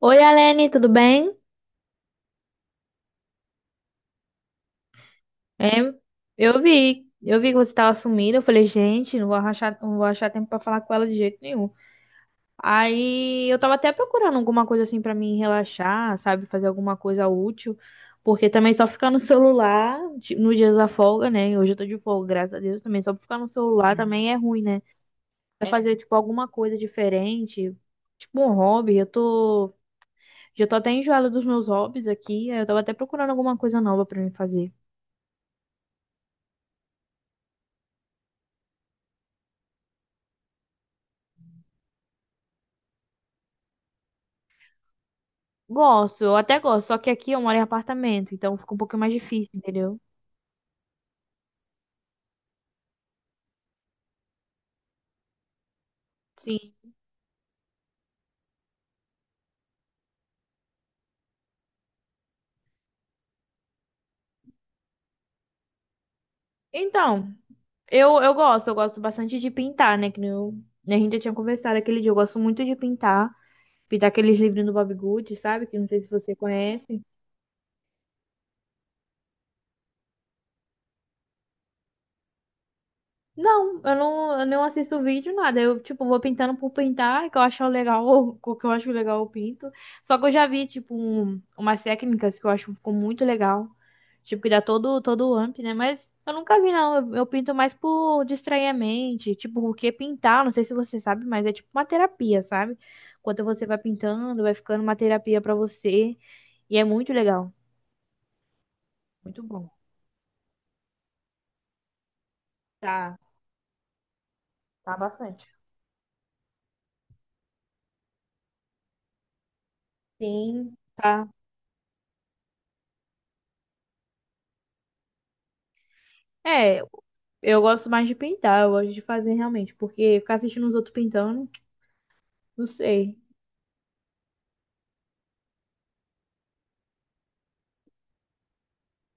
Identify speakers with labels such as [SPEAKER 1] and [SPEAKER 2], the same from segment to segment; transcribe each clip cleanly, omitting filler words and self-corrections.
[SPEAKER 1] Oi, Alene, tudo bem? É, eu vi que você estava sumida. Eu falei, gente, não vou achar tempo para falar com ela de jeito nenhum. Aí eu tava até procurando alguma coisa assim para me relaxar, sabe, fazer alguma coisa útil, porque também só ficar no celular nos dias da folga, né? Hoje eu tô de folga, graças a Deus, também só ficar no celular também é ruim, né? Vai, é, fazer tipo alguma coisa diferente, tipo um hobby. Já tô até enjoada dos meus hobbies aqui. Eu tava até procurando alguma coisa nova para me fazer. Gosto, eu até gosto, só que aqui eu moro em apartamento, então fica um pouquinho mais difícil, entendeu? Sim. Então, eu gosto bastante de pintar, né? Que nem eu, né, a gente já tinha conversado aquele dia, eu gosto muito de pintar aqueles livros do Bob Good, sabe? Que não sei se você conhece. Não, eu não assisto vídeo, nada. Eu, tipo, vou pintando por pintar, que eu acho legal, o que eu acho legal eu pinto. Só que eu já vi, tipo, umas técnicas que eu acho que ficou muito legal. Tipo, que dá todo o amp, né? Mas eu nunca vi, não. Eu pinto mais por distrair a mente. Tipo, porque pintar, não sei se você sabe, mas é tipo uma terapia, sabe? Enquanto você vai pintando, vai ficando uma terapia pra você. E é muito legal. Muito bom. Tá, tá bastante. Sim, tá. É, eu gosto mais de pintar, eu gosto de fazer realmente, porque ficar assistindo os outros pintando, não sei.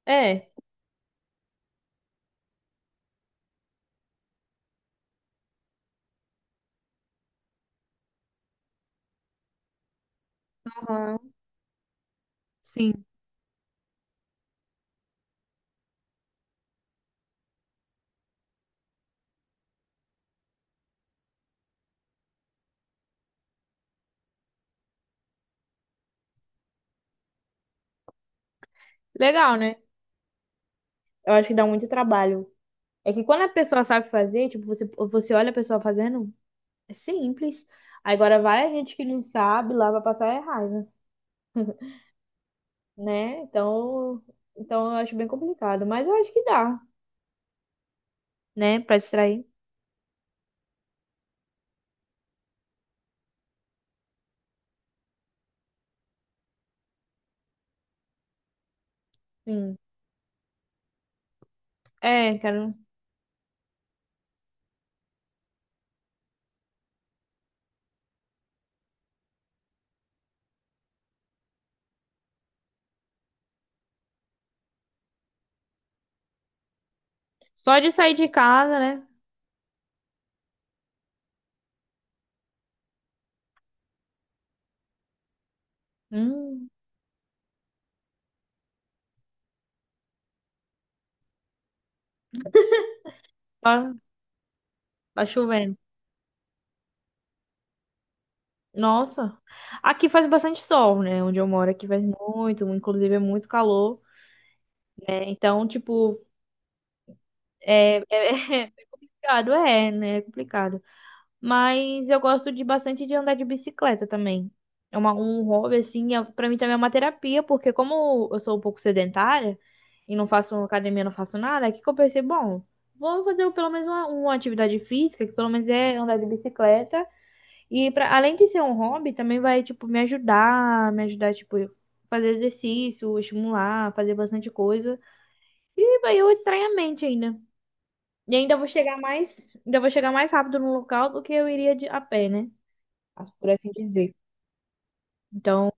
[SPEAKER 1] É. Aham. Sim. Legal, né? Eu acho que dá muito trabalho. É que quando a pessoa sabe fazer, tipo, você olha a pessoa fazendo, é simples. Agora vai a gente que não sabe, lá vai passar é raiva, né? Então eu acho bem complicado, mas eu acho que dá, né, pra distrair. Sim. É, quero só de sair de casa, né? Hum, tá. Tá chovendo. Nossa. Aqui faz bastante sol, né? Onde eu moro aqui faz muito, inclusive é muito calor. É, então, tipo, é, é complicado, é, né? É complicado. Mas eu gosto de bastante de andar de bicicleta também. É um hobby, assim, é, pra mim também é uma terapia, porque como eu sou um pouco sedentária e não faço academia, não faço nada, aqui que eu pensei, bom, vou fazer pelo menos uma atividade física, que pelo menos é andar de bicicleta. E pra, além de ser um hobby, também vai, tipo, me ajudar, tipo, fazer exercício, estimular, fazer bastante coisa. E vai eu distrair a mente ainda. E ainda vou chegar mais rápido no local do que eu iria de, a pé, né? Por assim dizer. Então,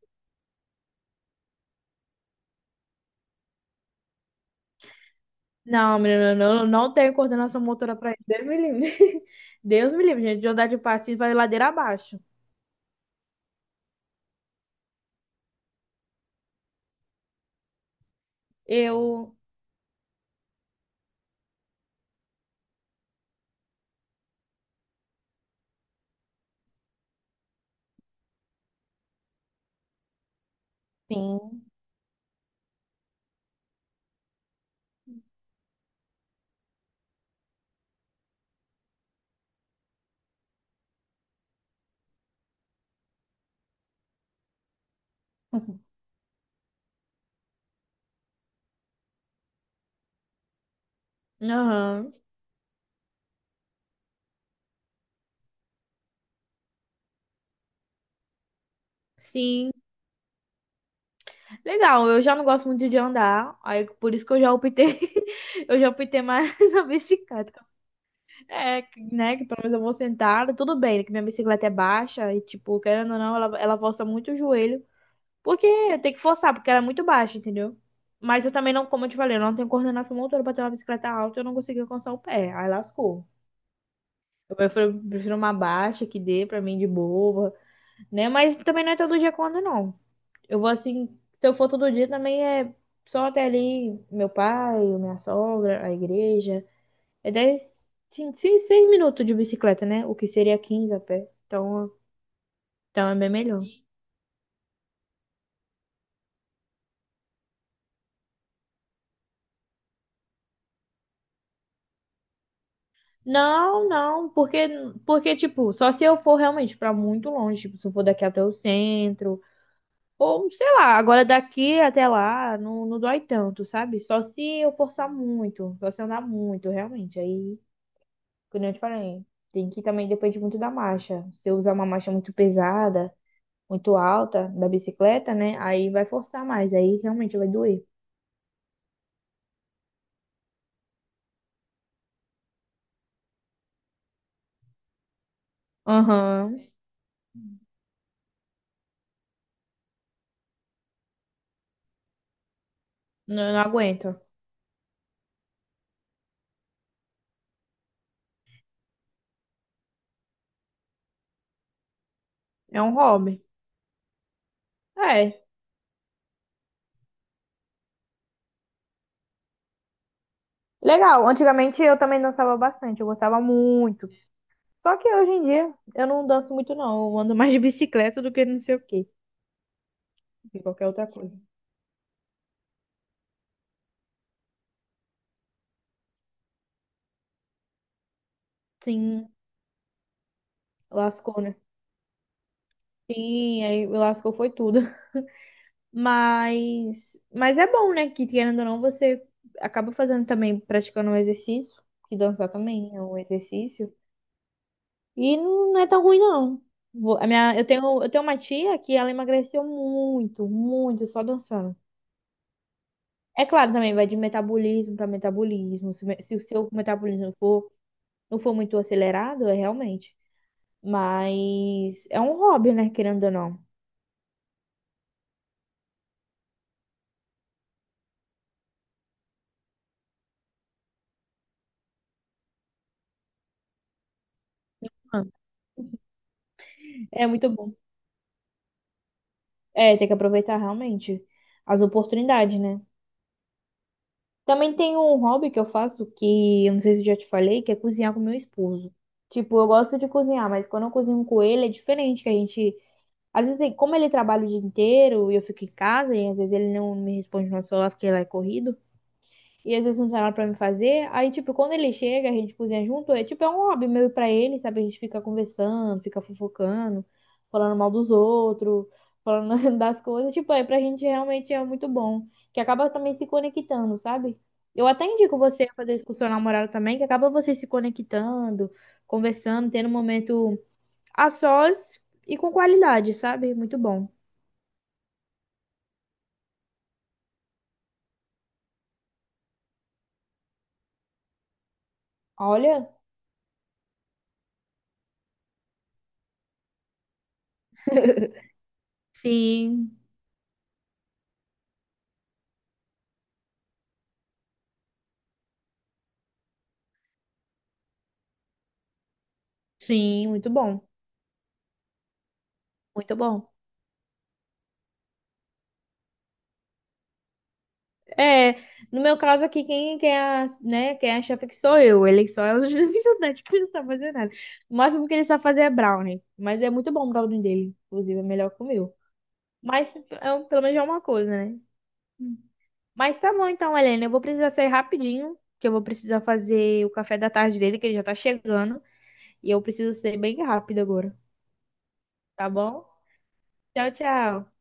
[SPEAKER 1] não, menina, eu não, não tenho coordenação motora pra isso. Deus me livre. Deus me livre, gente, de andar de patins vai ladeira abaixo. Eu, sim. Aham. Sim. Legal, eu já não gosto muito de andar, aí por isso que eu já optei mais na bicicleta. É, que, né, que pelo menos eu vou sentada, tudo bem, né, que minha bicicleta é baixa e, tipo, querendo ou não, ela força muito o joelho, porque tem que forçar, porque ela é muito baixa, entendeu? Mas eu também não, como eu te falei, eu não tenho coordenação motora pra ter uma bicicleta alta, eu não consegui alcançar o pé, aí lascou. Prefiro uma baixa que dê pra mim de boa, né? Mas também não é todo dia quando não. Eu vou assim, se eu for todo dia também é só até ali meu pai, minha sogra, a igreja. É 10, 5, 6 minutos de bicicleta, né? O que seria 15 a pé. Então é bem melhor. Não, não, porque, tipo, só se eu for realmente pra muito longe, tipo, se eu for daqui até o centro, ou sei lá, agora daqui até lá não dói tanto, sabe? Só se eu forçar muito, só se andar muito, realmente. Aí como eu te falei, tem que também depende muito da marcha. Se eu usar uma marcha muito pesada, muito alta da bicicleta, né? Aí vai forçar mais, aí realmente vai doer. Aham. Não, não aguento. É um hobby. É, legal. Antigamente eu também dançava bastante, eu gostava muito. Só que hoje em dia eu não danço muito, não. Eu ando mais de bicicleta do que não sei o quê, de qualquer outra coisa. Sim, lascou, né? Sim, aí lascou foi tudo. Mas é bom, né? Que querendo ou não, você acaba fazendo também, praticando um exercício, que dançar também é um exercício. E não é tão ruim, não. Vou- A minha, eu tenho uma tia que ela emagreceu muito, muito, só dançando. É claro, também vai de metabolismo para metabolismo. Se o seu metabolismo for, não for muito acelerado, é realmente. Mas é um hobby, né? Querendo ou não. Ah, é muito bom. É, tem que aproveitar realmente as oportunidades, né? Também tem um hobby que eu faço que eu não sei se eu já te falei, que é cozinhar com meu esposo. Tipo, eu gosto de cozinhar, mas quando eu cozinho com ele é diferente, que a gente. Às vezes, como ele trabalha o dia inteiro e eu fico em casa, e às vezes ele não me responde no celular porque lá é corrido. E às vezes não tem nada pra me fazer. Aí, tipo, quando ele chega, a gente cozinha junto. É tipo, é um hobby meio pra ele, sabe? A gente fica conversando, fica fofocando, falando mal dos outros, falando das coisas. Tipo, é pra gente realmente é muito bom. Que acaba também se conectando, sabe? Eu até indico você a fazer isso com namorado também, que acaba você se conectando, conversando, tendo um momento a sós e com qualidade, sabe? Muito bom. Olha, sim, sim, muito bom. Muito bom. É, no meu caso aqui, quem é a chefe que sou eu. Ele só é o ajudante, que ele não sabe fazer nada. O máximo que ele sabe fazer é brownie. Mas é muito bom o brownie dele. Inclusive, é melhor que o meu. Mas pelo menos é uma coisa, né? Hum. Mas tá bom então, Helena. Eu vou precisar sair rapidinho, que eu vou precisar fazer o café da tarde dele, que ele já tá chegando. E eu preciso ser bem rápido agora, tá bom? Tchau, tchau.